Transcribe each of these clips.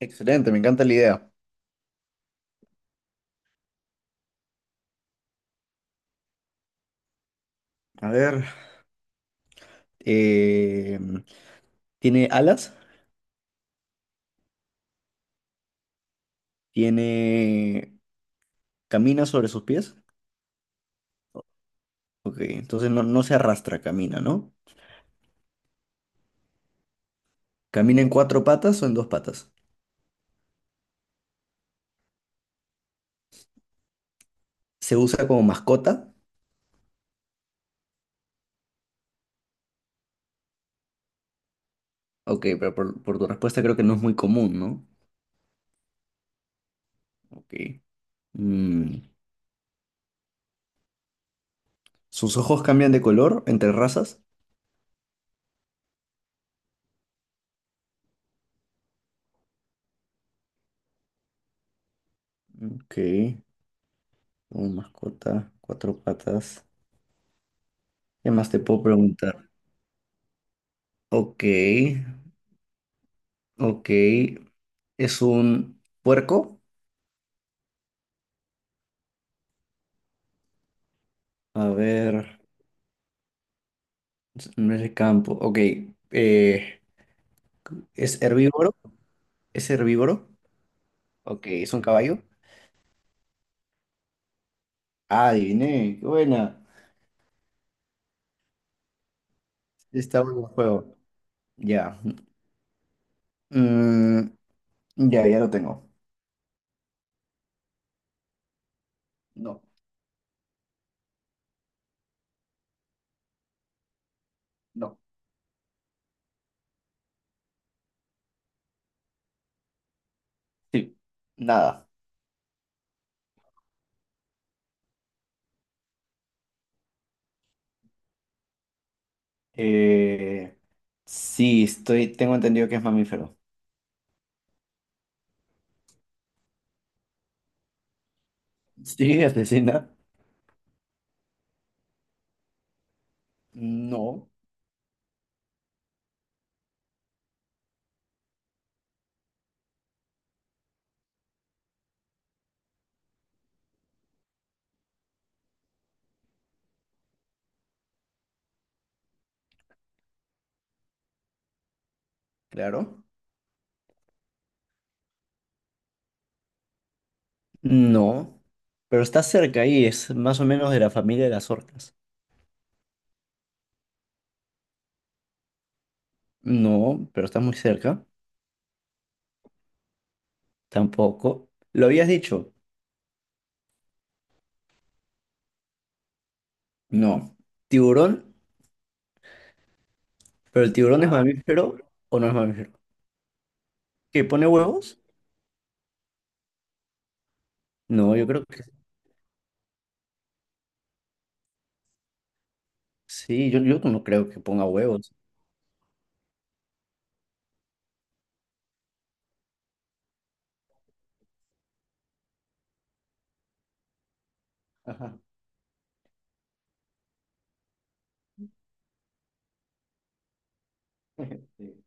Excelente, me encanta la idea. A ver, eh, ¿tiene alas? ¿Tiene... ¿Camina sobre sus pies? Ok, entonces no se arrastra, camina, ¿no? ¿Camina en cuatro patas o en dos patas? ¿Se usa como mascota? Ok, pero por tu respuesta creo que no es muy común, ¿no? Ok. Mm, ¿sus ojos cambian de color entre razas? Ok, como mascota, cuatro patas. ¿Qué más te puedo preguntar? Ok, ok. ¿Es un puerco? A ver, no es el campo. Ok, eh, ¿es herbívoro? ¿Es herbívoro? Ok, ¿es un caballo? Ah, adiviné, qué buena. Está bueno el juego. Ya. Mm, ya lo tengo. No, no. Sí, nada. Eh, sí, tengo entendido que es mamífero. Sí, asesina. No, claro. No, pero está cerca ahí, es más o menos de la familia de las orcas. No, pero está muy cerca. Tampoco. ¿Lo habías dicho? No. ¿Tiburón? ¿Pero el tiburón es Ah, mamífero o no es mamífero? ¿Que pone huevos? No, yo creo que sí. Yo no creo que ponga huevos. Ajá. Sí.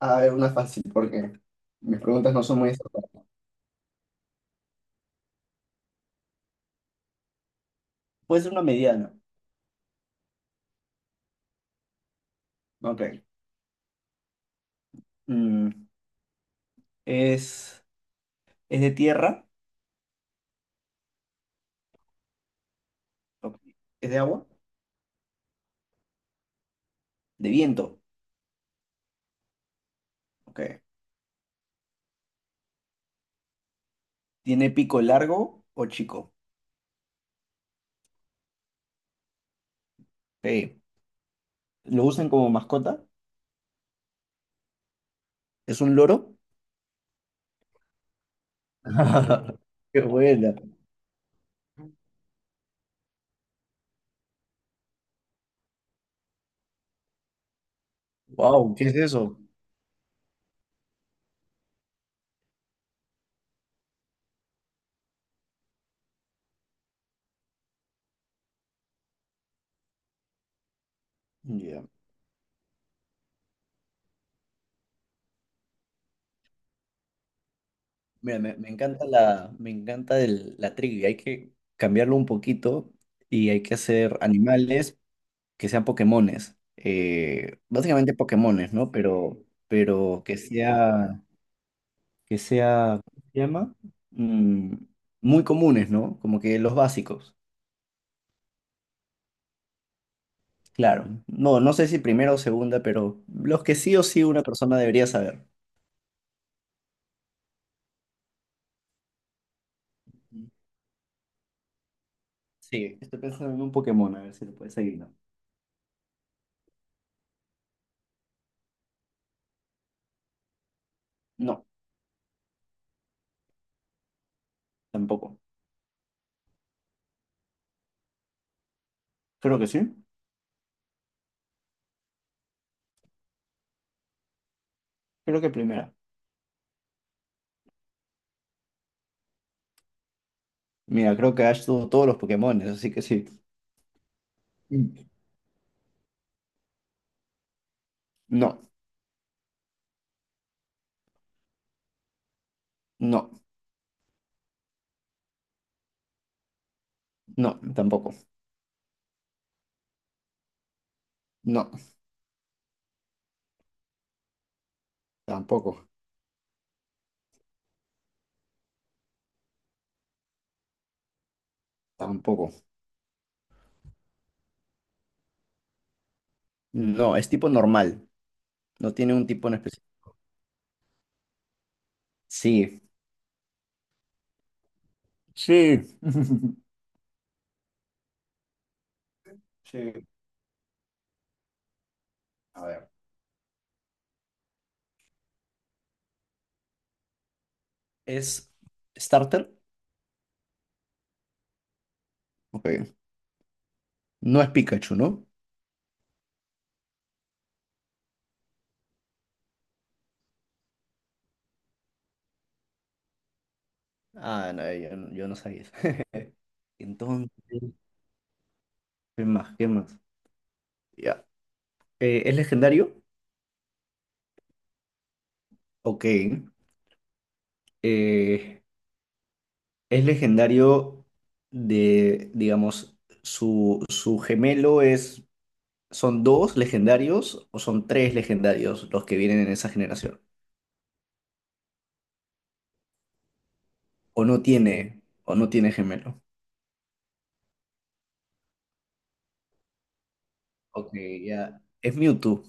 A ver, una fácil, porque mis preguntas no son muy acertadas. Puede ser una mediana. Ok. Mm, ¿Es, ¿es de tierra? Ok. ¿Es de agua? ¿De viento? Ok. ¿Tiene pico largo o chico? Ok. ¿Lo usan como mascota? ¿Es un loro? Qué buena. Wow, ¿qué es eso? Ya. Mira, me encanta me encanta la trivia. Hay que cambiarlo un poquito y hay que hacer animales que sean Pokémones. Básicamente Pokémones, ¿no? Pero que sea, ¿cómo se llama? Mm, muy comunes, ¿no? Como que los básicos. Claro. No, no sé si primera o segunda, pero los que sí o sí una persona debería saber. Sí, estoy pensando en un Pokémon, a ver si lo puedes seguir. No, no, tampoco. Creo que sí. Creo que primera. Mira, creo que Ash tuvo todos los Pokémon, así que sí. Mm. No, no, no, tampoco. No, tampoco, tampoco. No, es tipo normal. No tiene un tipo en especial. Sí. Sí. Sí. A ver. ¿Es starter? Ok. No es Pikachu, ¿no? Ah, no, yo no sabía eso. Entonces, ¿qué más? ¿Qué más? Ya. ¿Es legendario? Ok, eh, es legendario de, digamos, su gemelo es, ¿son dos legendarios o son tres legendarios los que vienen en esa generación? O no tiene gemelo. Ok, ya, es Mewtwo.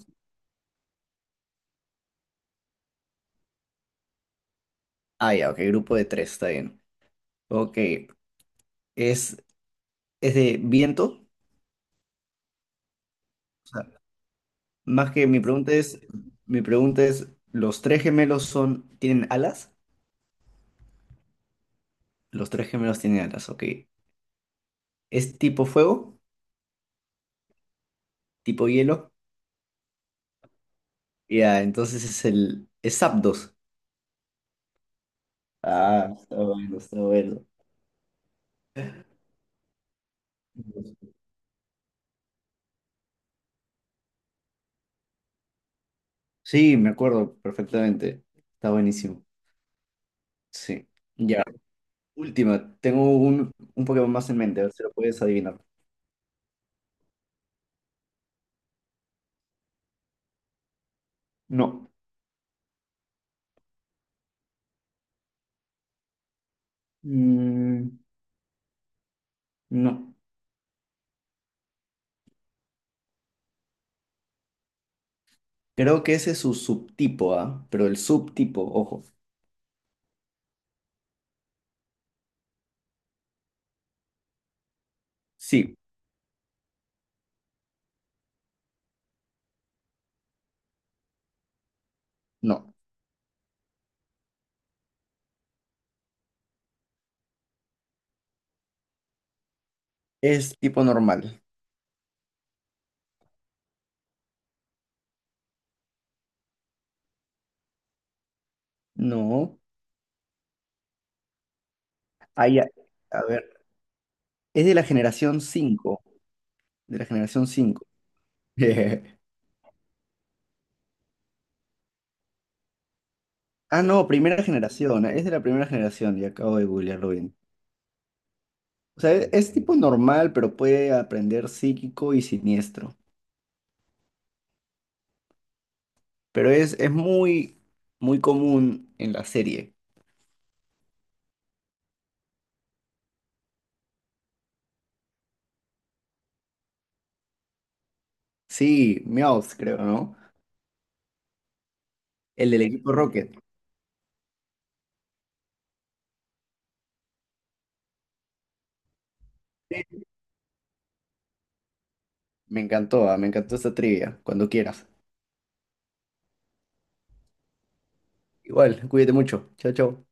Ah, ya, ok, grupo de tres, está bien. Ok, es, es de viento. O sea, más que mi pregunta es, ¿los tres gemelos son, tienen alas? Los tres gemelos tienen alas, ok. ¿Es tipo fuego? Tipo hielo. Ya, entonces es el... Es Zapdos. Ah, está bueno, está bueno. Sí, me acuerdo perfectamente. Está buenísimo. Sí. Ya. Última. Tengo un Pokémon más en mente. A ver si lo puedes adivinar. No. Mm, no. Creo que ese es su subtipo, ¿ah? Pero el subtipo, ojo. Sí. No. Es tipo normal. No. Ay, a ver. Es de la generación 5. De la generación 5. Ah, no, primera generación, es de la primera generación y acabo de googlearlo bien. O sea, es tipo normal, pero puede aprender psíquico y siniestro. Pero es muy, muy común en la serie. Sí, Meowth, creo, ¿no? El del equipo Rocket. Sí, me encantó, ah, me encantó esta trivia, cuando quieras. Igual, cuídate mucho. Chao, chao.